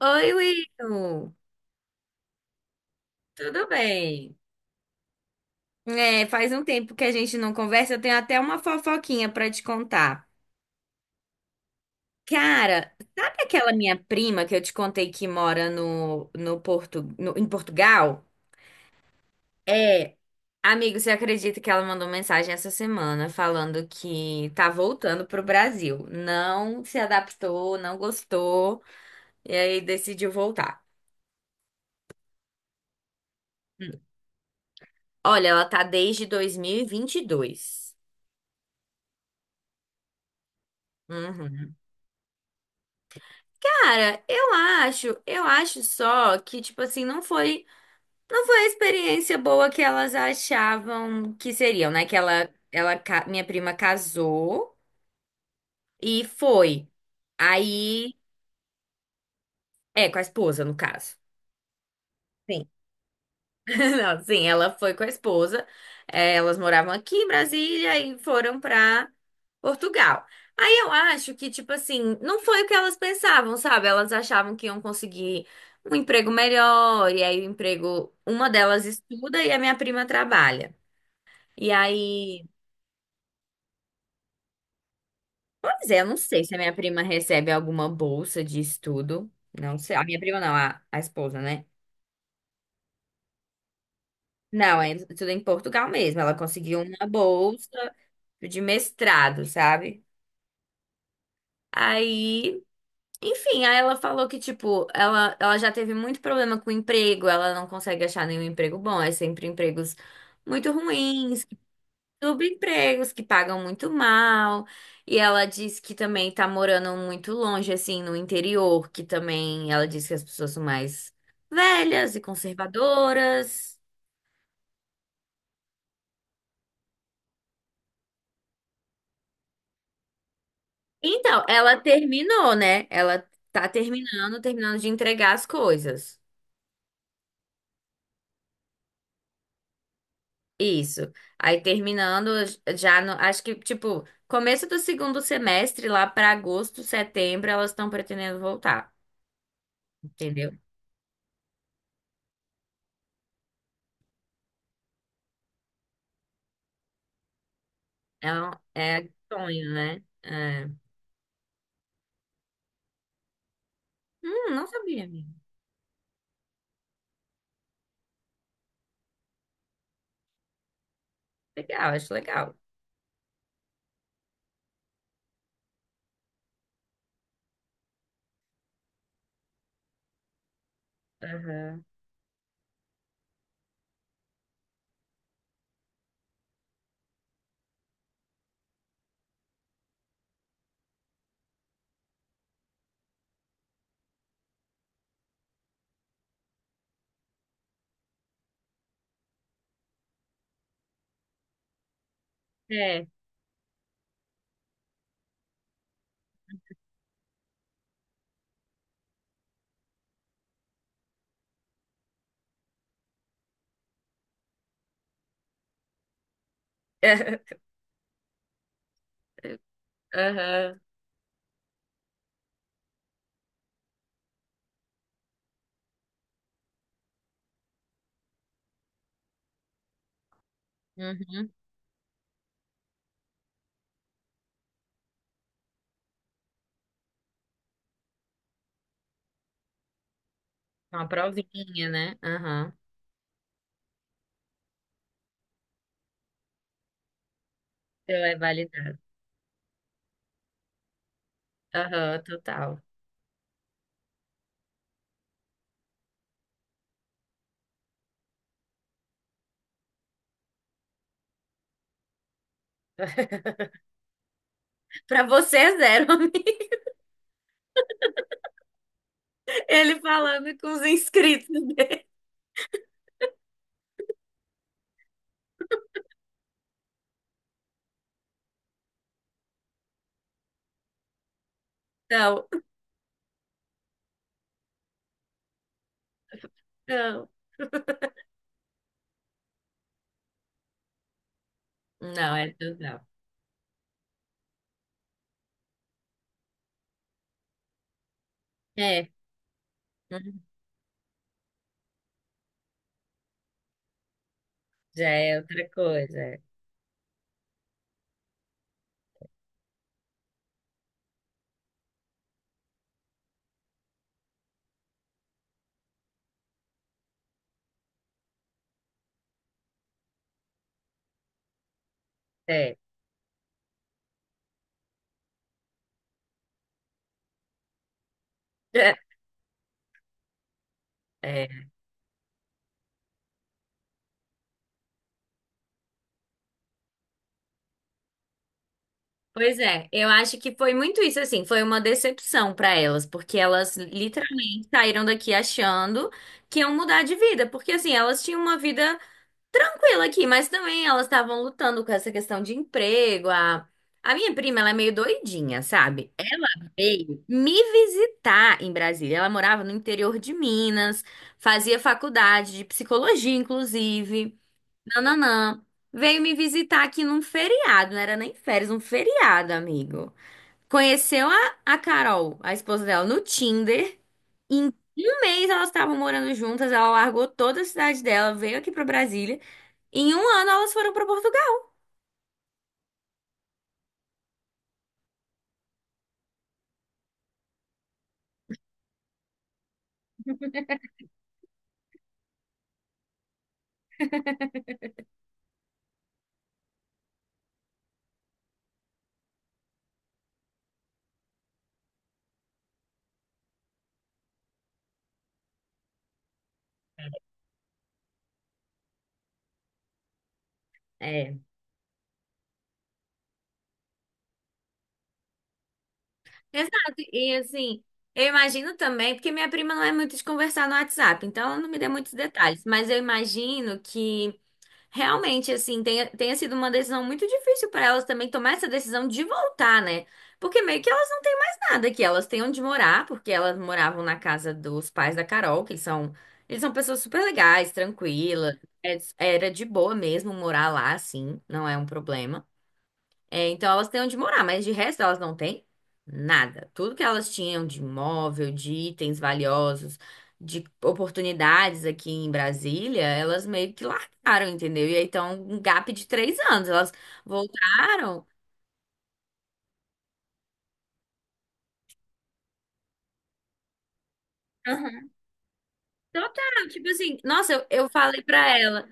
Oi, Will. Tudo bem? É, faz um tempo que a gente não conversa, eu tenho até uma fofoquinha pra te contar. Cara, sabe aquela minha prima que eu te contei que mora no Porto, em Portugal? É. Amigo, você acredita que ela mandou mensagem essa semana falando que tá voltando pro Brasil? Não se adaptou, não gostou, e aí decidiu voltar. Hum. Olha, ela tá desde 2022. Uhum. Cara, eu acho só que, tipo assim, não foi a experiência boa que elas achavam que seriam, né? Que minha prima casou e foi. Aí, é, com a esposa, no caso. Não, sim, ela foi com a esposa. Elas moravam aqui em Brasília e foram pra Portugal. Aí eu acho que, tipo assim, não foi o que elas pensavam, sabe? Elas achavam que iam conseguir um emprego melhor, e aí o emprego, uma delas estuda e a minha prima trabalha. E aí, pois é, eu não sei se a minha prima recebe alguma bolsa de estudo. Não sei, a minha prima não, a esposa, né? Não, é tudo em Portugal mesmo. Ela conseguiu uma bolsa de mestrado, sabe? Aí, enfim, aí ela falou que, tipo, ela já teve muito problema com o emprego, ela não consegue achar nenhum emprego bom, é sempre empregos muito ruins, subempregos que pagam muito mal. E ela diz que também tá morando muito longe, assim, no interior, que também ela diz que as pessoas são mais velhas e conservadoras. Então, ela terminou, né? Ela tá terminando, terminando de entregar as coisas. Isso. Aí terminando já no, acho que tipo, começo do segundo semestre, lá para agosto, setembro, elas estão pretendendo voltar, entendeu? É, um- é sonho, né? É. Não sabia, amiga. Legal, acho legal. Aham. É. Aham. Uhum. Uma provinha, né? Aham. Então é validado. Aham, total. Pra você é zero, amiga. Ele falando com os inscritos dele. Não, não. Não, é total. É, hum, já é outra coisa. É. É. É. Pois é, eu acho que foi muito isso assim, foi uma decepção para elas, porque elas literalmente saíram daqui achando que iam mudar de vida, porque assim, elas tinham uma vida tranquila aqui, mas também elas estavam lutando com essa questão de emprego. A minha prima, ela é meio doidinha, sabe? Ela veio me visitar em Brasília. Ela morava no interior de Minas, fazia faculdade de psicologia, inclusive. Nananã. Veio me visitar aqui num feriado, não era nem férias, um feriado, amigo. Conheceu a Carol, a esposa dela, no Tinder. Em um mês elas estavam morando juntas, ela largou toda a cidade dela, veio aqui pra Brasília. Em um ano elas foram pra Portugal. É. Exato. E assim, eu imagino também, porque minha prima não é muito de conversar no WhatsApp, então ela não me deu muitos detalhes, mas eu imagino que realmente, assim, tenha sido uma decisão muito difícil para elas também tomar essa decisão de voltar, né? Porque meio que elas não têm mais nada aqui. Elas têm onde morar, porque elas moravam na casa dos pais da Carol, que eles são pessoas super legais, tranquilas. Era de boa mesmo morar lá, assim, não é um problema. É, então elas têm onde morar, mas de resto elas não têm nada. Tudo que elas tinham de imóvel, de itens valiosos, de oportunidades aqui em Brasília, elas meio que largaram, entendeu? E aí tá um gap de 3 anos. Elas voltaram. Aham. Total, tipo assim, nossa, eu falei pra ela.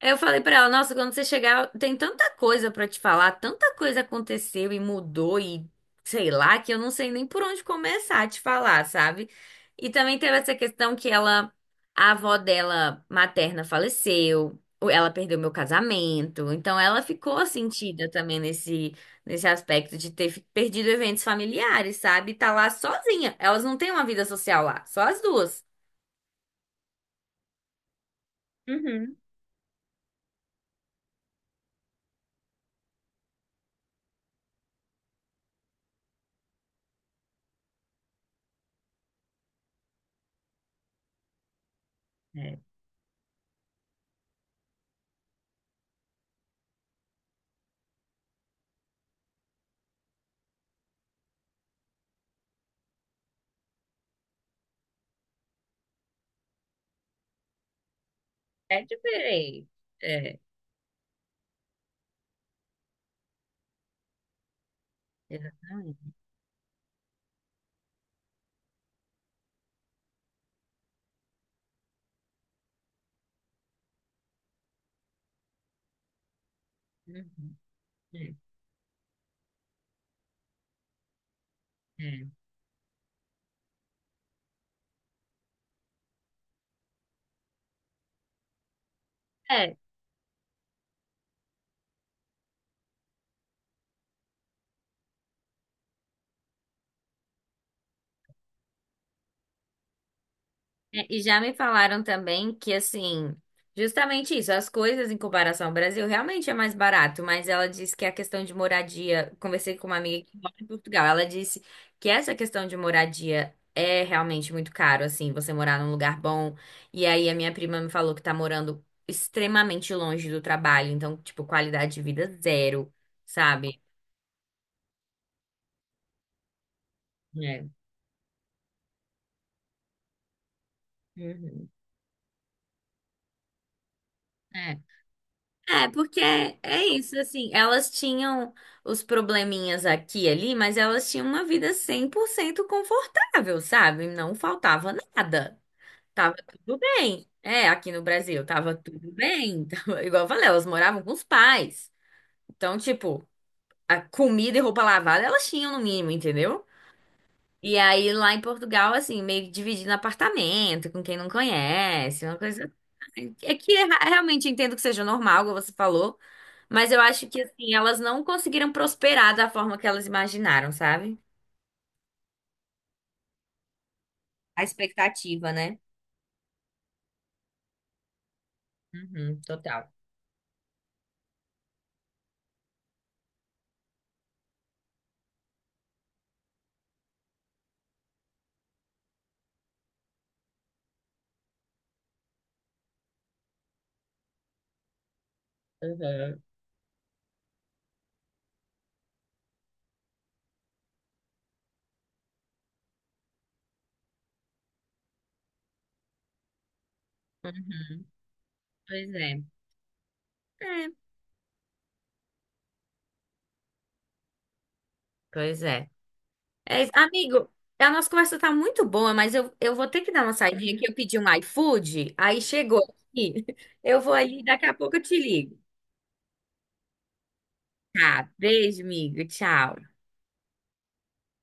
Aí eu falei pra ela, nossa, quando você chegar, tem tanta coisa pra te falar, tanta coisa aconteceu e mudou e sei lá, que eu não sei nem por onde começar a te falar, sabe? E também teve essa questão que ela, a avó dela materna faleceu, ou ela perdeu meu casamento, então ela ficou sentida também nesse aspecto de ter perdido eventos familiares, sabe? Tá lá sozinha. Elas não têm uma vida social lá, só as duas. Uhum. É, é diferente. É, exatamente. Uhum. É, é, é, e já me falaram também que, assim, justamente isso, as coisas em comparação ao Brasil realmente é mais barato, mas ela disse que a questão de moradia, conversei com uma amiga que mora em Portugal, ela disse que essa questão de moradia é realmente muito caro, assim, você morar num lugar bom. E aí a minha prima me falou que tá morando extremamente longe do trabalho, então, tipo, qualidade de vida zero, sabe? É. Uhum. É. É, porque é isso, assim, elas tinham os probleminhas aqui e ali, mas elas tinham uma vida 100% confortável, sabe? Não faltava nada. Tava tudo bem. É, aqui no Brasil, tava tudo bem. Tava- igual eu falei, elas moravam com os pais. Então, tipo, a comida e roupa lavada elas tinham no mínimo, entendeu? E aí lá em Portugal, assim, meio que dividindo apartamento com quem não conhece, uma coisa assim. É que eu realmente entendo que seja normal, como você falou, mas eu acho que, assim, elas não conseguiram prosperar da forma que elas imaginaram, sabe? A expectativa, né? Uhum, total. Uhum. Uhum, pois é. É, pois é. É isso. Amigo, a nossa conversa tá muito boa, mas eu vou ter que dar uma saidinha aqui. Eu pedi um iFood, aí chegou aqui. Eu vou ali, daqui a pouco eu te ligo. Tá, beijo, amigo. Tchau.